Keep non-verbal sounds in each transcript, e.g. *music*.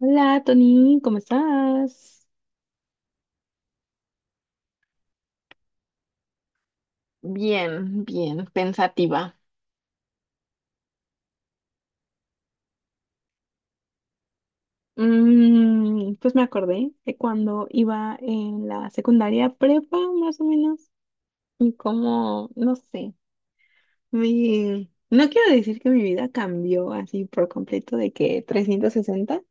Hola, Tony, ¿cómo estás? Bien, bien, pensativa. Pues me acordé de cuando iba en la secundaria prepa, más o menos, y como, no sé, no quiero decir que mi vida cambió así por completo de que 360,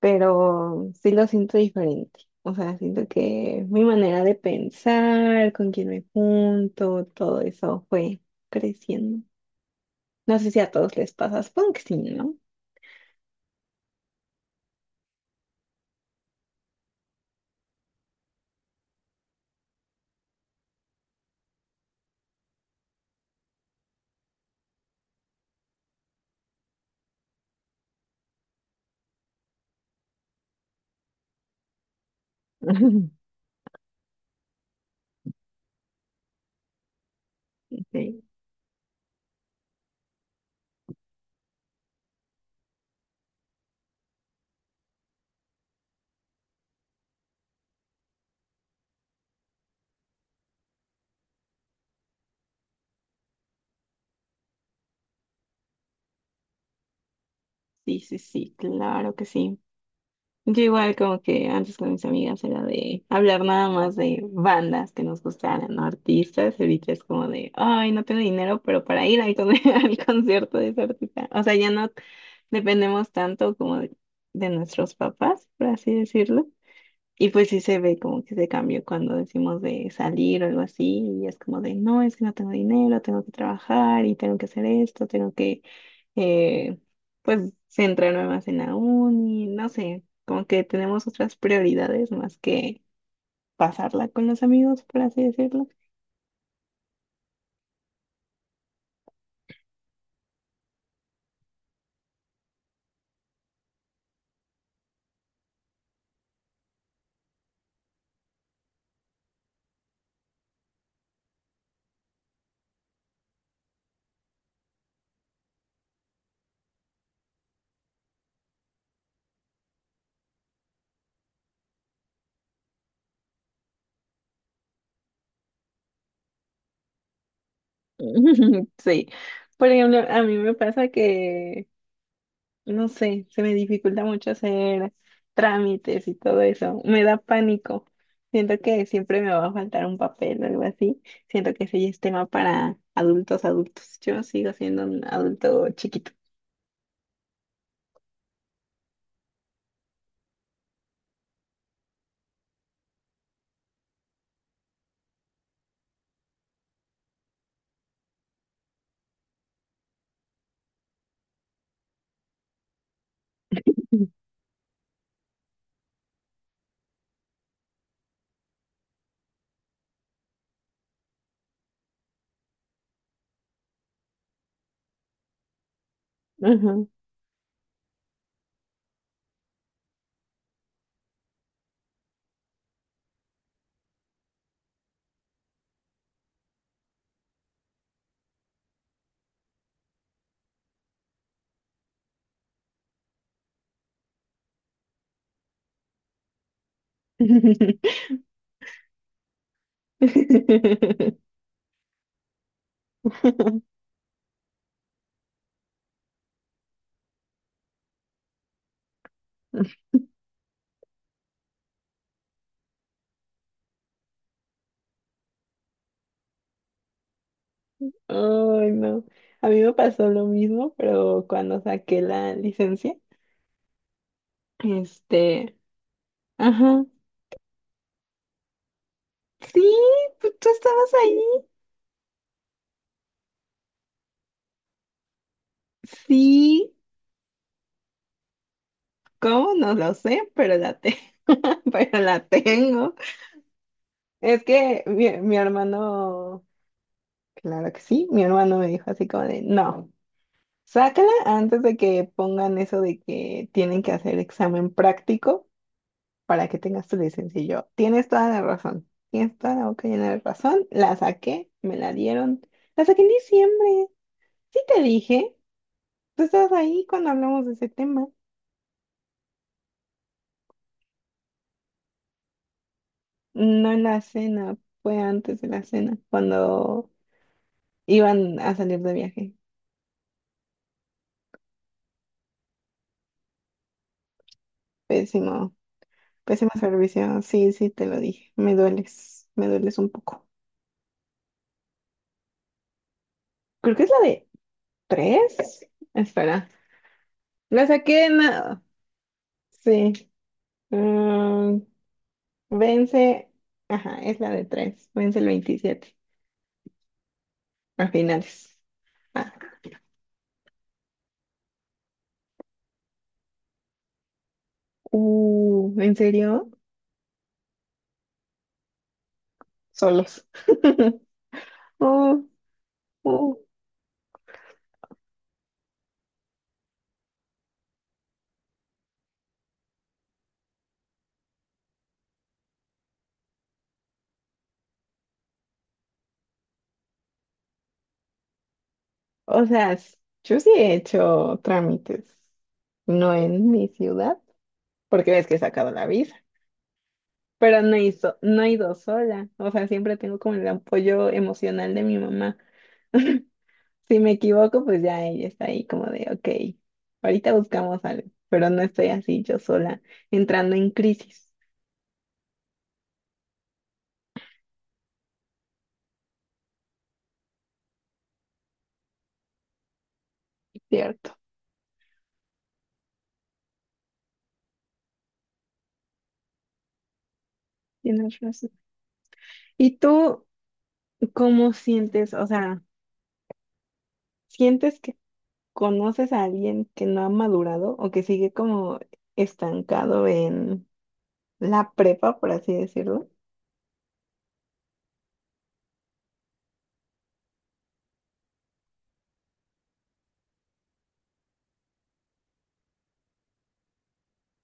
pero sí lo siento diferente. O sea, siento que mi manera de pensar, con quién me junto, todo eso fue creciendo. No sé si a todos les pasa, supongo que sí, ¿no? *laughs* Sí. Sí, sí, sí, claro que sí. Yo igual como que antes con mis amigas era de hablar nada más de bandas que nos gustaran, ¿no? Artistas, ahorita es como de, ay, no tengo dinero, pero para ir *laughs* al concierto de ese artista. O sea, ya no dependemos tanto como de nuestros papás, por así decirlo. Y pues sí se ve como que se cambió cuando decimos de salir o algo así, y es como de, no, es que no tengo dinero, tengo que trabajar y tengo que hacer esto, tengo que, eh, pues, centrarme más en la uni, no sé, como que tenemos otras prioridades más que pasarla con los amigos, por así decirlo. *laughs* Sí, por ejemplo, a mí me pasa que no sé, se me dificulta mucho hacer trámites y todo eso. Me da pánico. Siento que siempre me va a faltar un papel o algo así. Siento que ese ya es tema para adultos, adultos. Yo sigo siendo un adulto chiquito. *laughs* Ajá. *laughs* Ay, no. A mí me pasó lo mismo, pero cuando saqué la licencia, este, ajá. Sí, pues, tú estabas ahí. Sí, ¿cómo? No lo sé, pero *laughs* pero la tengo. Es que mi hermano, claro que sí, mi hermano me dijo así como de, no, sácala antes de que pongan eso de que tienen que hacer examen práctico para que tengas tu licencia. Y yo, tienes toda la razón, tienes toda la boca llena de razón. La saqué, me la dieron, la saqué en diciembre. Sí te dije, tú estabas ahí cuando hablamos de ese tema. No en la cena, fue antes de la cena, cuando... Iban a salir de viaje. Pésimo, pésimo servicio. Sí, sí, te lo dije. Me dueles un poco. Creo que es la de tres. Espera. La saqué en... Sí. mm, Vence. Ajá, es la de tres. Vence el 27. A finales. Ah. ¿En serio? Solos. *laughs* Uh, uh. O sea, yo sí he hecho trámites. No en mi ciudad, porque ves que he sacado la visa. Pero no he, no he ido sola, o sea, siempre tengo como el apoyo emocional de mi mamá. *laughs* Si me equivoco, pues ya ella está ahí como de, ok, ahorita buscamos algo, pero no estoy así yo sola entrando en crisis. Cierto, tienes razón. ¿Y tú cómo sientes, o sea, sientes que conoces a alguien que no ha madurado o que sigue como estancado en la prepa, por así decirlo?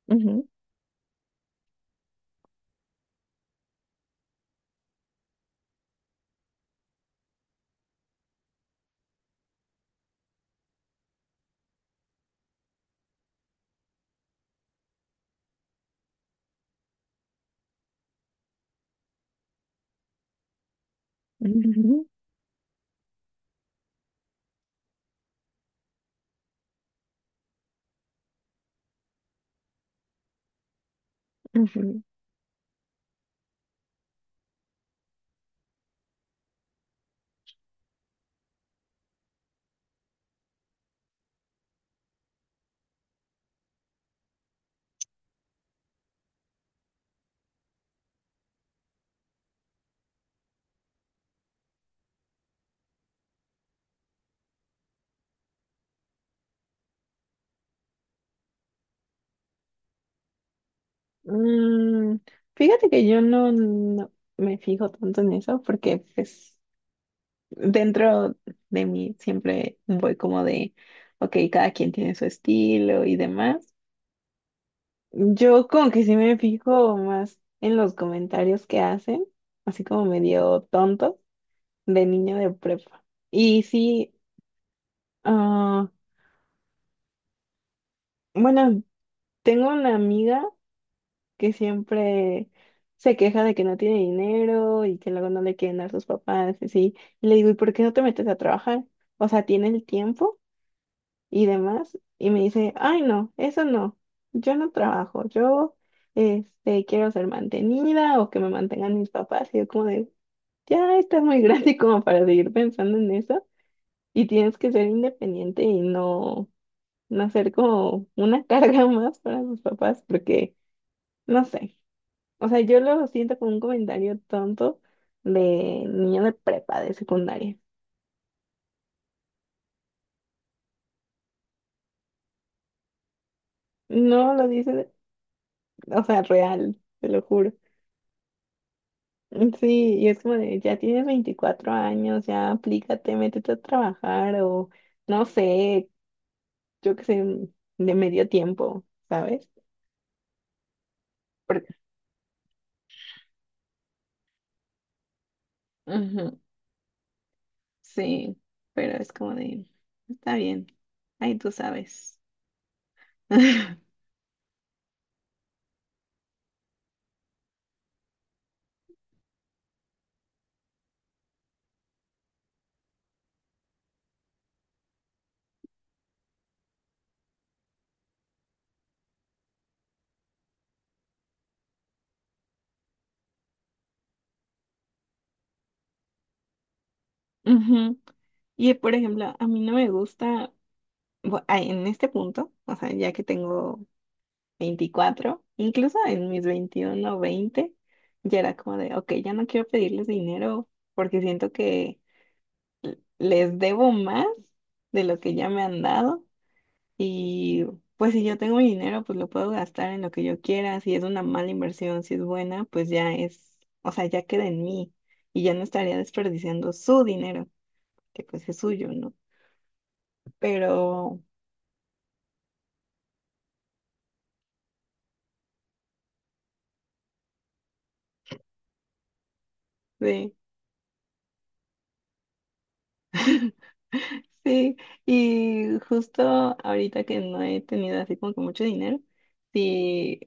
Ujú, ujú, ujú. Mm, fíjate que yo no me fijo tanto en eso porque pues dentro de mí siempre voy como de, ok, cada quien tiene su estilo y demás. Yo como que sí me fijo más en los comentarios que hacen, así como medio tonto de niño de prepa. Y sí, ah, bueno, tengo una amiga que siempre se queja de que no tiene dinero y que luego no le quieren dar sus papás, y así. Y le digo, ¿y por qué no te metes a trabajar? O sea, tiene el tiempo y demás. Y me dice, ay, no, eso no, yo no trabajo, yo este, quiero ser mantenida o que me mantengan mis papás. Y yo como de, ya estás muy grande *laughs* como para seguir pensando en eso y tienes que ser independiente y no, no ser como una carga *laughs* más para tus papás porque, no sé. O sea, yo lo siento como un comentario tonto de niño de prepa, de secundaria. No lo dicen, o sea, real, te lo juro. Sí, y es como de, ya tienes 24 años, ya aplícate, métete a trabajar o no sé, yo qué sé, de medio tiempo, ¿sabes? Por- Ujú, sí, pero es como de, está bien, ahí tú sabes. *laughs* Ujú. Y por ejemplo, a mí no me gusta en este punto, o sea, ya que tengo 24 incluso en mis 21 o 20, ya era como de, ok, ya no quiero pedirles dinero porque siento que les debo más de lo que ya me han dado y pues si yo tengo mi dinero, pues lo puedo gastar en lo que yo quiera, si es una mala inversión, si es buena, pues ya es, o sea, ya queda en mí y ya no estaría desperdiciando su dinero, que pues es suyo, ¿no? Pero, sí. *laughs* Sí, y justo ahorita que no he tenido así como que mucho dinero, sí,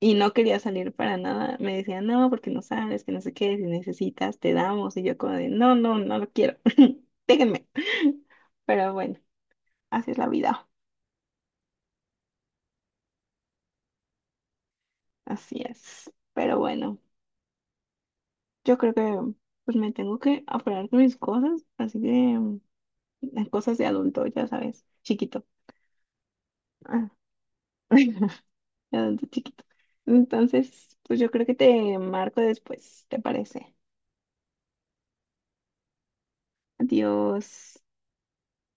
y no quería salir para nada, me decían, no, porque no sabes, que no sé qué, si necesitas, te damos, y yo como de, no, no, no lo quiero, *laughs* déjenme. *laughs* Pero bueno, así es la vida, así es. Pero bueno, yo creo que pues me tengo que apurar con mis cosas, así que mm, las cosas de adulto, ya sabes, chiquito. Ah. *laughs* Adulto chiquito. Entonces, pues yo creo que te marco después, ¿te parece? Adiós.